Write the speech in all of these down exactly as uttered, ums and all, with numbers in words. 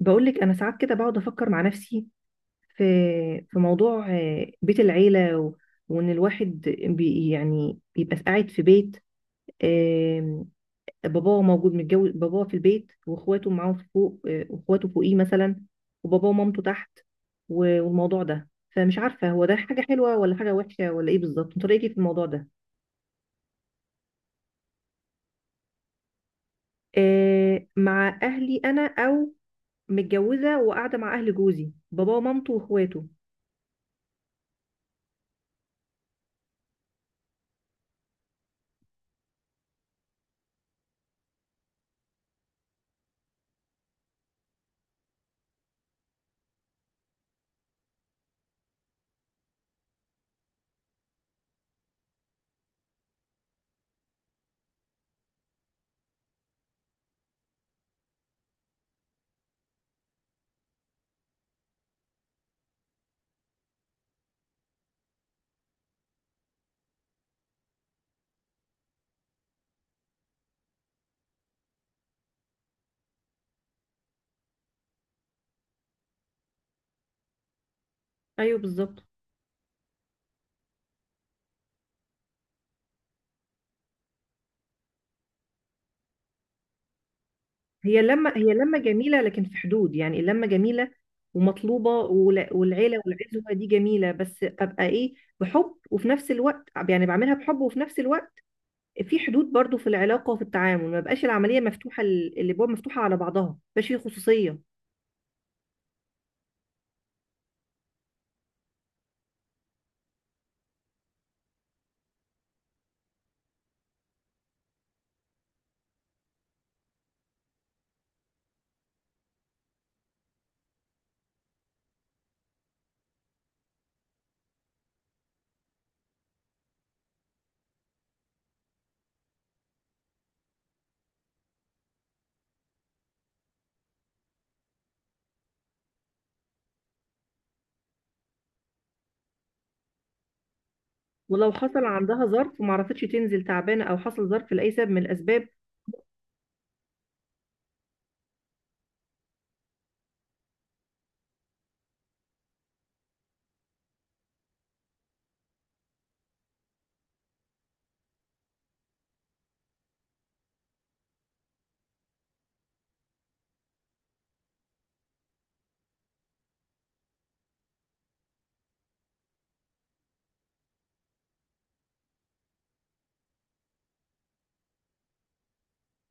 بقولك، انا ساعات كده بقعد افكر مع نفسي في في موضوع، آه، بيت العيله و... وان الواحد، بي يعني بيبقى قاعد في بيت، آم، باباه موجود، متجوز باباه في البيت واخواته معاه في فوق، آه، واخواته فوقيه مثلا، وباباه ومامته تحت. و- والموضوع ده، فمش عارفه هو ده حاجه حلوه ولا حاجه وحشه ولا ايه بالظبط. انت رايك إيه في الموضوع ده؟ آه، مع اهلي انا، او متجوزه وقاعده مع اهل جوزي، باباه ومامته واخواته. ايوه، بالظبط. هي لما هي لما جميلة، لكن في حدود. يعني اللمة جميلة ومطلوبة، ولا- والعيلة والعزوة دي جميلة، بس أبقى إيه؟ بحب، وفي نفس الوقت، يعني بعملها بحب، وفي نفس الوقت في حدود برضو في العلاقة وفي التعامل. ما بقاش العملية مفتوحة، ال- الأبواب مفتوحة على بعضها، ما بقاش في خصوصية. ولو حصل عندها ظرف وما عرفتش تنزل، تعبانة، أو حصل ظرف لأي سبب من الأسباب.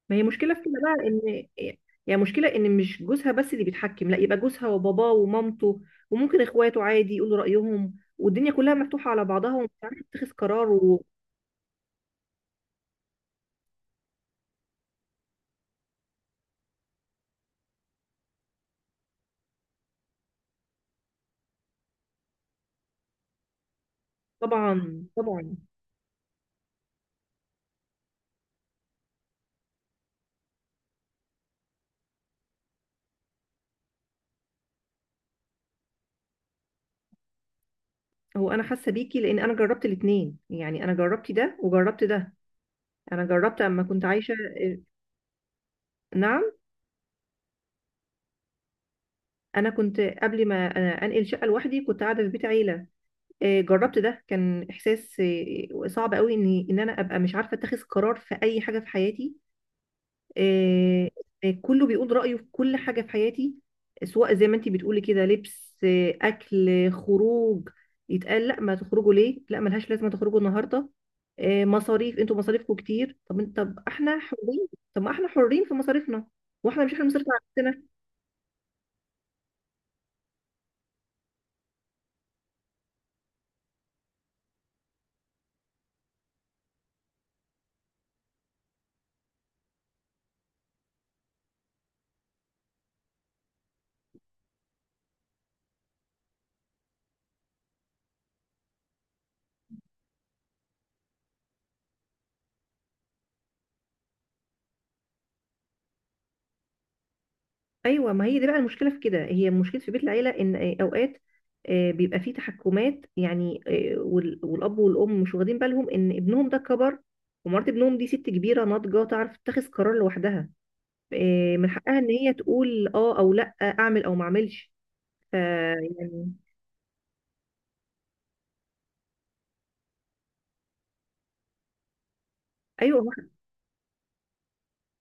ما هي مشكلة في كده بقى، ان يعني مشكلة ان مش جوزها بس اللي بيتحكم، لا يبقى جوزها وباباه ومامته، وممكن اخواته عادي يقولوا رأيهم، والدنيا كلها مفتوحة على بعضها ومش عارف تتخذ قرار. وطبعا طبعا. هو انا حاسة بيكي، لان انا جربت الاتنين. يعني انا جربت ده وجربت ده، انا جربت اما كنت عايشة. نعم. انا كنت قبل ما أنا انقل شقة لوحدي كنت قاعدة في بيت عيلة. آه، جربت ده، كان احساس آه، صعب قوي ان ان انا ابقى مش عارفة اتخذ قرار في اي حاجة في حياتي. آه، آه، كله بيقول رأيه في كل حاجة في حياتي، سواء زي ما انتي بتقولي كده لبس، آه، أكل، آه، خروج. يتقال لا، ما تخرجوا ليه، لا ملهاش لازمة تخرجوا النهاردة، آه، مصاريف، انتوا مصاريفكم كتير. طب انت، طب احنا حرين، طب ما احنا حرين في مصاريفنا، واحنا مش احنا اللي بنصرف على نفسنا. ايوه، ما هي دي بقى المشكله في كده، هي مشكله في بيت العيله، ان اوقات آه، بيبقى فيه تحكمات. يعني آه، وال- والاب والام مش واخدين بالهم ان ابنهم ده كبر، ومرات ابنهم دي ست كبيره ناضجه تعرف تتخذ قرار لوحدها. آه، من حقها ان هي تقول اه او لا، اعمل او ما اعملش. ف يعني، ايوه. هو إحنا-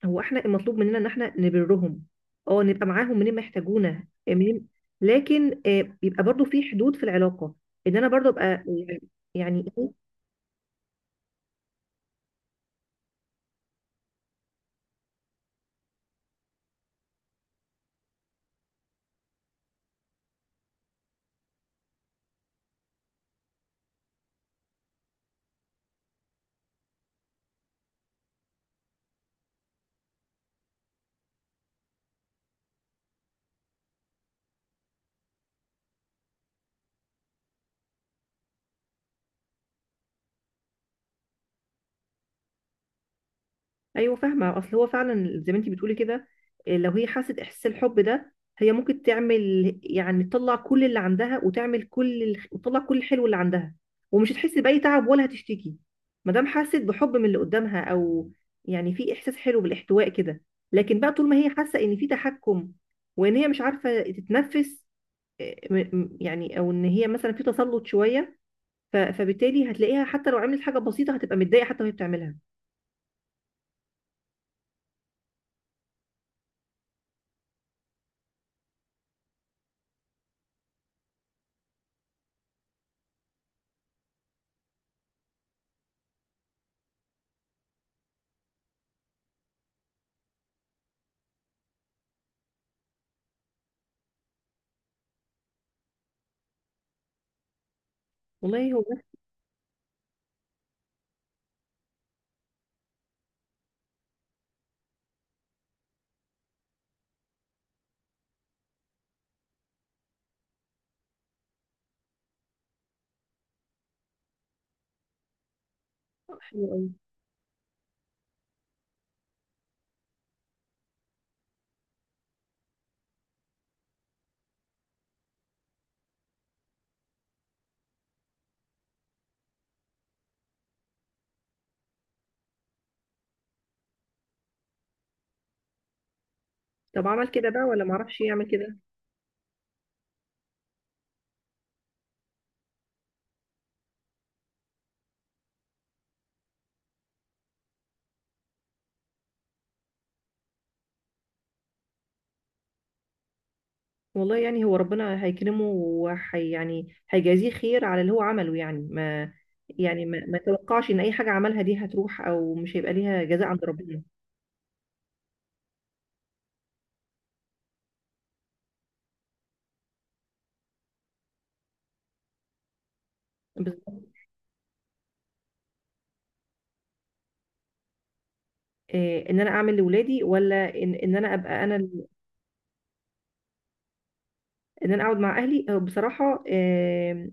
هو احنا المطلوب مننا ان احنا نبرهم، اه نبقى معاهم منين ما يحتاجونا، آه، منين. لكن آه، بيبقى برضو في حدود في العلاقه، ان انا برضو ابقى يعني. يعني ايوه، فاهمه. اصل هو فعلا زي ما انت بتقولي كده. إيه، لو هي حست احساس الحب ده، هي ممكن تعمل، يعني تطلع كل اللي عندها، وتعمل كل الخ- وتطلع كل الحلو اللي عندها، ومش هتحس باي تعب ولا هتشتكي ما دام حست بحب من اللي قدامها. او يعني في احساس حلو بالاحتواء كده. لكن بقى طول ما هي حاسه ان في تحكم، وان هي مش عارفه تتنفس، إيه، م- م- يعني، او ان هي مثلا في تسلط شويه، ف- فبالتالي هتلاقيها حتى لو عملت حاجه بسيطه هتبقى متضايقه حتى وهي بتعملها. والله هو ده. حلو قوي. طب عمل كده بقى، ولا معرفش يعمل كده؟ والله يعني هو ربنا هيكرمه، وحي يعني هيجازيه خير على اللي هو عمله. يعني ما يعني ما, ما توقعش ان اي حاجه عملها دي هتروح، او مش هيبقى ليها جزاء عند ربنا. بالظبط. إيه، ان انا اعمل لاولادي، ولا ان ان انا ابقى انا ال- ان انا اقعد مع اهلي. آه، بصراحه، إيه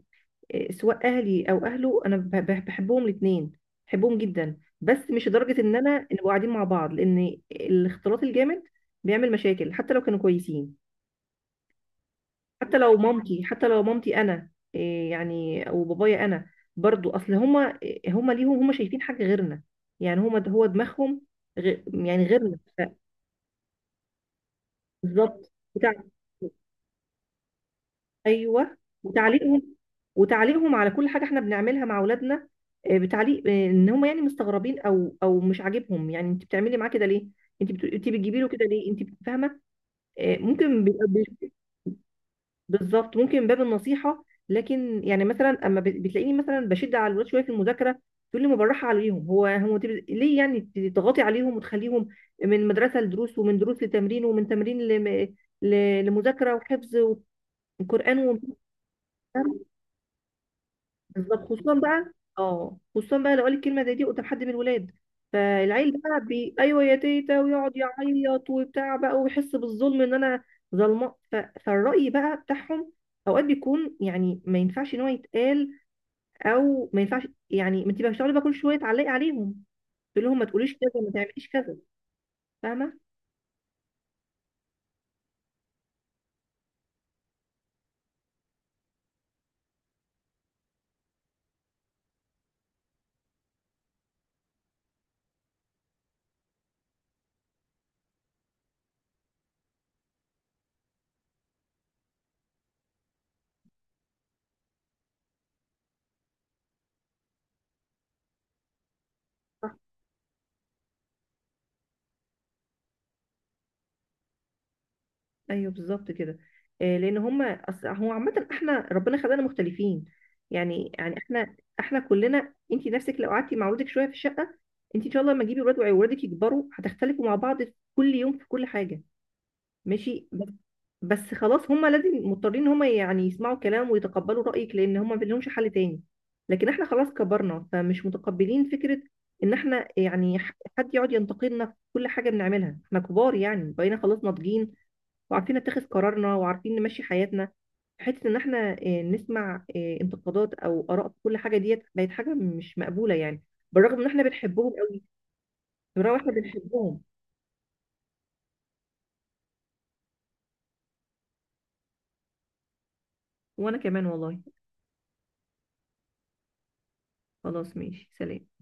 إيه، سواء اهلي او اهله، انا ب- ب- بحبهم الاثنين. بحبهم جدا، بس مش لدرجه ان انا نبقى قاعدين مع بعض، لان الاختلاط الجامد بيعمل مشاكل حتى لو كانوا كويسين. حتى لو مامتي حتى لو مامتي، انا إيه يعني، او بابايا، انا برضو. اصل هما إيه هما ليهم، هما شايفين حاجه غيرنا. يعني هما ده هو دماغهم، غير يعني غيرنا، ف- بالظبط. بتاع، ايوه. وتعليقهم وتعليقهم على كل حاجه احنا بنعملها مع اولادنا، إيه بتعليق، إيه ان هما يعني مستغربين، او او مش عاجبهم. يعني انت بتعملي معاه كده ليه؟ انت بت- انت بتجيبي له كده ليه؟ انت بت- فاهمه؟ إيه، ممكن بيبقى. بالظبط، ممكن من باب النصيحه، لكن يعني مثلا اما ب- بتلاقيني مثلا بشد على الولاد شويه في المذاكره، تقول لي ما بالراحه عليهم. هو هو تب- ليه يعني تضغطي عليهم، وتخليهم من مدرسه لدروس، ومن دروس لتمرين، ومن تمرين لم... ل... لمذاكره وحفظ وقران، ومش عارفة. بالظبط، خصوصا بقى. اه خصوصا بقى لو قال الكلمه زي دي قدام حد من الولاد، فالعيل بقى بي... ايوه يا تيتا، ويقعد يعيط وبتاع بقى، ويحس بالظلم ان انا ظلمه. ف... فالراي بقى بتاعهم اوقات بيكون، يعني ما ينفعش ان هو يتقال، او ما ينفعش. يعني ما انت بقى بتقعدي بقى كل شويه تعلقي عليهم، تقول لهم ما تقوليش كذا، ما تعمليش كذا. فاهمه. ايوه، بالظبط كده. آه، لان هما، أصل هو عامه احنا ربنا خلقنا مختلفين. يعني يعني احنا احنا كلنا، انت نفسك لو قعدتي مع ولادك شويه في الشقه. انت ان شاء الله، لما تجيبي ولاد وولادك يكبروا، هتختلفوا مع بعض في كل يوم في كل حاجه، ماشي. بس بس خلاص، هما لازم مضطرين ان هما يعني يسمعوا كلام ويتقبلوا رايك، لان هما ما لهمش حل تاني. لكن احنا خلاص كبرنا، فمش متقبلين فكره ان احنا يعني ح- حد يقعد ينتقدنا في كل حاجه بنعملها. احنا كبار يعني، بقينا خلاص ناضجين، وعارفين نتخذ قرارنا، وعارفين نمشي حياتنا. حته ان احنا آه، نسمع آه، انتقادات او اراء في كل حاجه، ديت بقت حاجه مش مقبوله يعني، بالرغم ان احنا بنحبهم قوي. بالرغم ان احنا بنحبهم. وانا كمان والله. خلاص، ماشي سلام.